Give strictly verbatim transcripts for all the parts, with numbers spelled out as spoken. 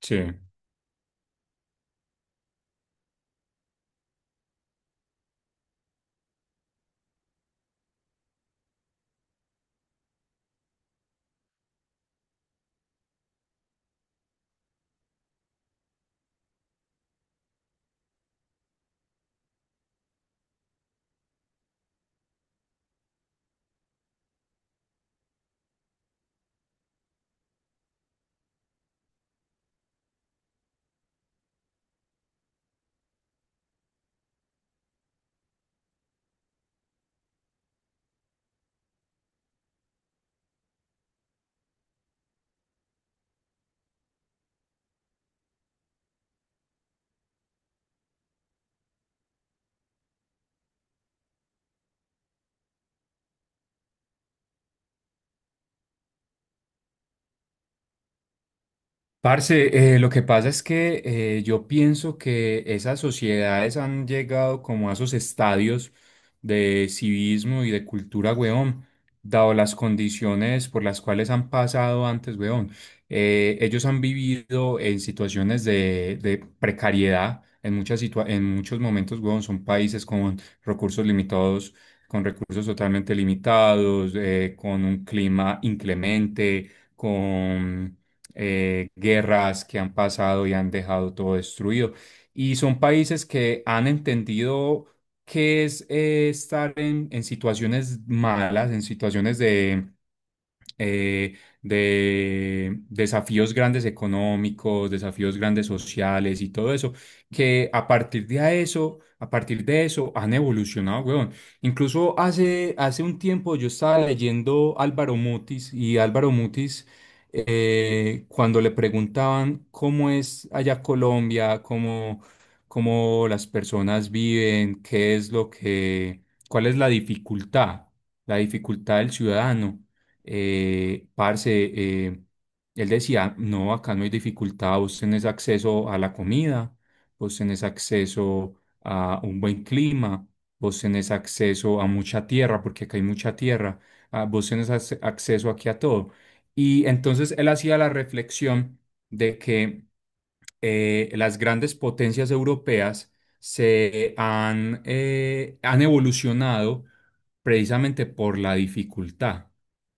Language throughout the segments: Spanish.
Sí. Parce, eh, lo que pasa es que eh, yo pienso que esas sociedades han llegado como a esos estadios de civismo y de cultura, weón, dado las condiciones por las cuales han pasado antes, weón. Eh, ellos han vivido en situaciones de, de precariedad en muchas situa- en muchos momentos, weón. Son países con recursos limitados, con recursos totalmente limitados, eh, con un clima inclemente con eh, guerras que han pasado y han dejado todo destruido. Y son países que han entendido qué es eh, estar en, en situaciones malas, en situaciones de eh, de desafíos grandes económicos, desafíos grandes sociales y todo eso, que a partir de a eso, a partir de eso han evolucionado, weón. Incluso hace, hace un tiempo yo estaba leyendo Álvaro Mutis y Álvaro Mutis, eh, cuando le preguntaban cómo es allá Colombia, cómo, cómo las personas viven, qué es lo que, cuál es la dificultad, la dificultad del ciudadano eh, parce, eh, él decía, no, acá no hay dificultad, vos tenés acceso a la comida, vos tenés acceso a un buen clima, vos tenés acceso a mucha tierra, porque acá hay mucha tierra, ah, vos tenés ac- acceso aquí a todo. Y entonces él hacía la reflexión de que eh, las grandes potencias europeas se han, eh, han evolucionado precisamente por la dificultad,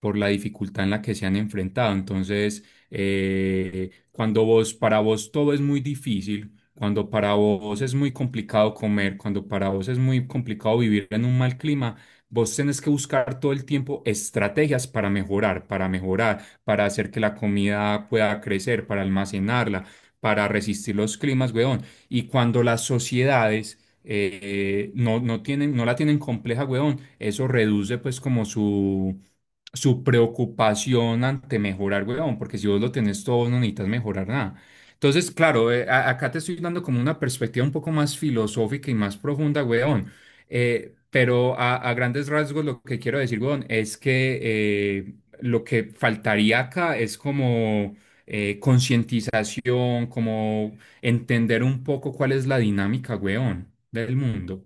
por la dificultad en la que se han enfrentado. Entonces, eh, cuando vos, para vos todo es muy difícil, cuando para vos es muy complicado comer, cuando para vos es muy complicado vivir en un mal clima, vos tenés que buscar todo el tiempo estrategias para mejorar, para mejorar, para hacer que la comida pueda crecer, para almacenarla para resistir los climas, weón. Y cuando las sociedades eh, eh, no, no tienen, no la tienen compleja, weón, eso reduce pues como su su preocupación ante mejorar, weón, porque si vos lo tenés todo, no necesitas mejorar nada. Entonces, claro, eh, a- acá te estoy dando como una perspectiva un poco más filosófica y más profunda, weón. Eh, pero a, a grandes rasgos lo que quiero decir, weón, es que eh, lo que faltaría acá es como eh, concientización, como entender un poco cuál es la dinámica, weón, del mundo.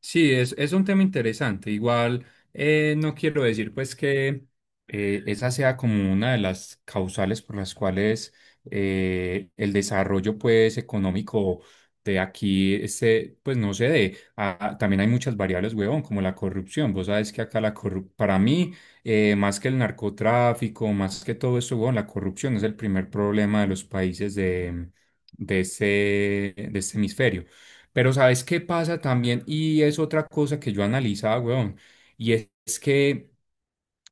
Sí, es, es un tema interesante. Igual eh, no quiero decir pues que eh, esa sea como una de las causales por las cuales eh, el desarrollo pues económico de aquí este, pues no se dé. Ah, también hay muchas variables, huevón, como la corrupción. Vos sabes que acá la corrupción, para mí, eh, más que el narcotráfico, más que todo eso, huevón, la corrupción es el primer problema de los países de, de ese, de este hemisferio. Pero ¿sabes qué pasa también? Y es otra cosa que yo analizaba, weón. Y es, que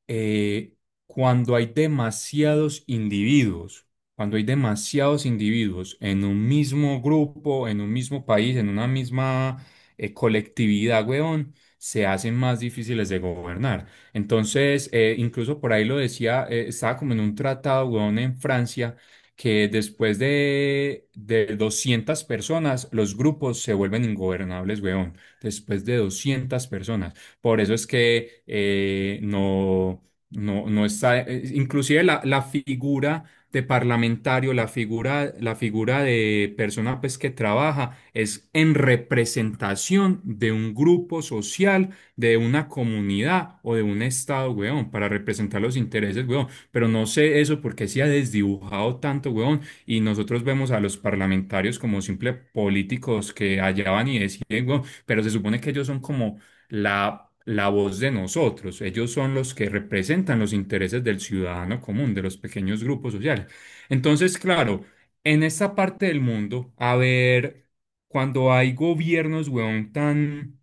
eh, cuando hay demasiados individuos, cuando hay demasiados individuos en un mismo grupo, en un mismo país, en una misma eh, colectividad, weón, se hacen más difíciles de gobernar. Entonces, eh, incluso por ahí lo decía, eh, estaba como en un tratado, weón, en Francia, que después de, de doscientas personas, los grupos se vuelven ingobernables, weón. Después de doscientas personas. Por eso es que eh, no, no, no está, eh, inclusive la, la figura de parlamentario, la figura, la figura de persona pues, que trabaja es en representación de un grupo social, de una comunidad o de un estado, weón, para representar los intereses, weón. Pero no sé eso porque se ha desdibujado tanto, weón, y nosotros vemos a los parlamentarios como simples políticos que allá van y deciden, weón, pero se supone que ellos son como la la voz de nosotros. Ellos son los que representan los intereses del ciudadano común, de los pequeños grupos sociales. Entonces, claro, en esta parte del mundo, a ver, cuando hay gobiernos, weón, tan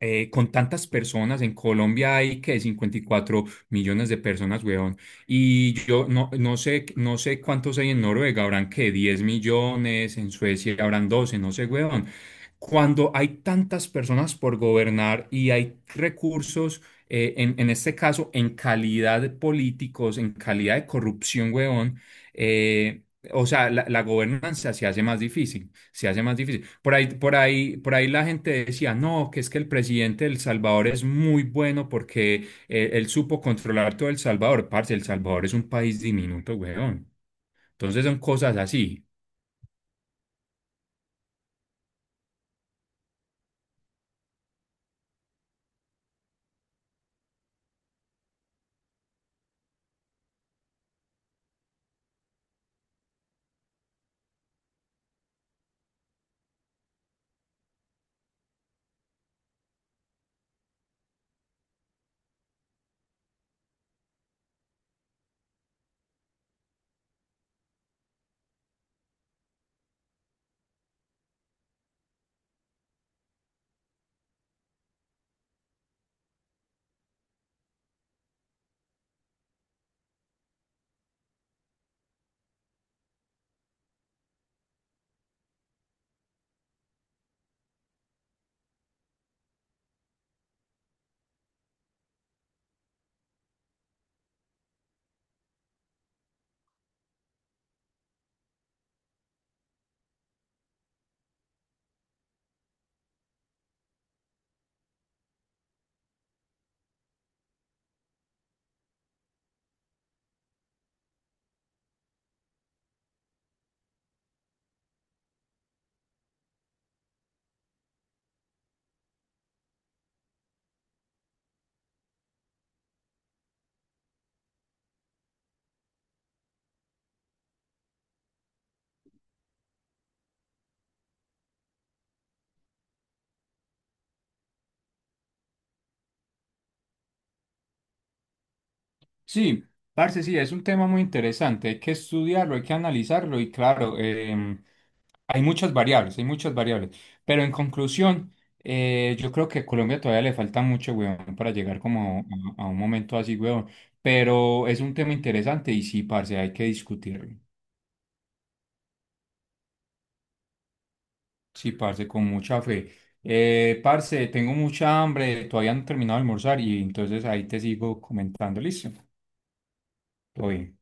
eh, con tantas personas, en Colombia hay que cincuenta y cuatro millones de personas, weón. Y yo no, no sé, no sé cuántos hay en Noruega, habrán que diez millones, en Suecia habrán doce, no sé, weón. Cuando hay tantas personas por gobernar y hay recursos, eh, en, en este caso, en calidad de políticos, en calidad de corrupción, weón, eh, o sea, la, la gobernanza se hace más difícil se hace más difícil. Por ahí, por ahí, por ahí la gente decía, no, que es que el presidente de El Salvador es muy bueno porque eh, él supo controlar todo El Salvador. Parce, El Salvador es un país diminuto, weón. Entonces son cosas así. Sí, parce, sí, es un tema muy interesante. Hay que estudiarlo, hay que analizarlo y claro, em, hay muchas variables, hay muchas variables. Pero en conclusión, eh, yo creo que a Colombia todavía le falta mucho, weón, para llegar como a, a un momento así, weón. Pero es un tema interesante y sí, parce, hay que discutirlo. Sí, parce, con mucha fe. Eh, parce, tengo mucha hambre, todavía no he terminado de almorzar y entonces ahí te sigo comentando, listo. Todo bien.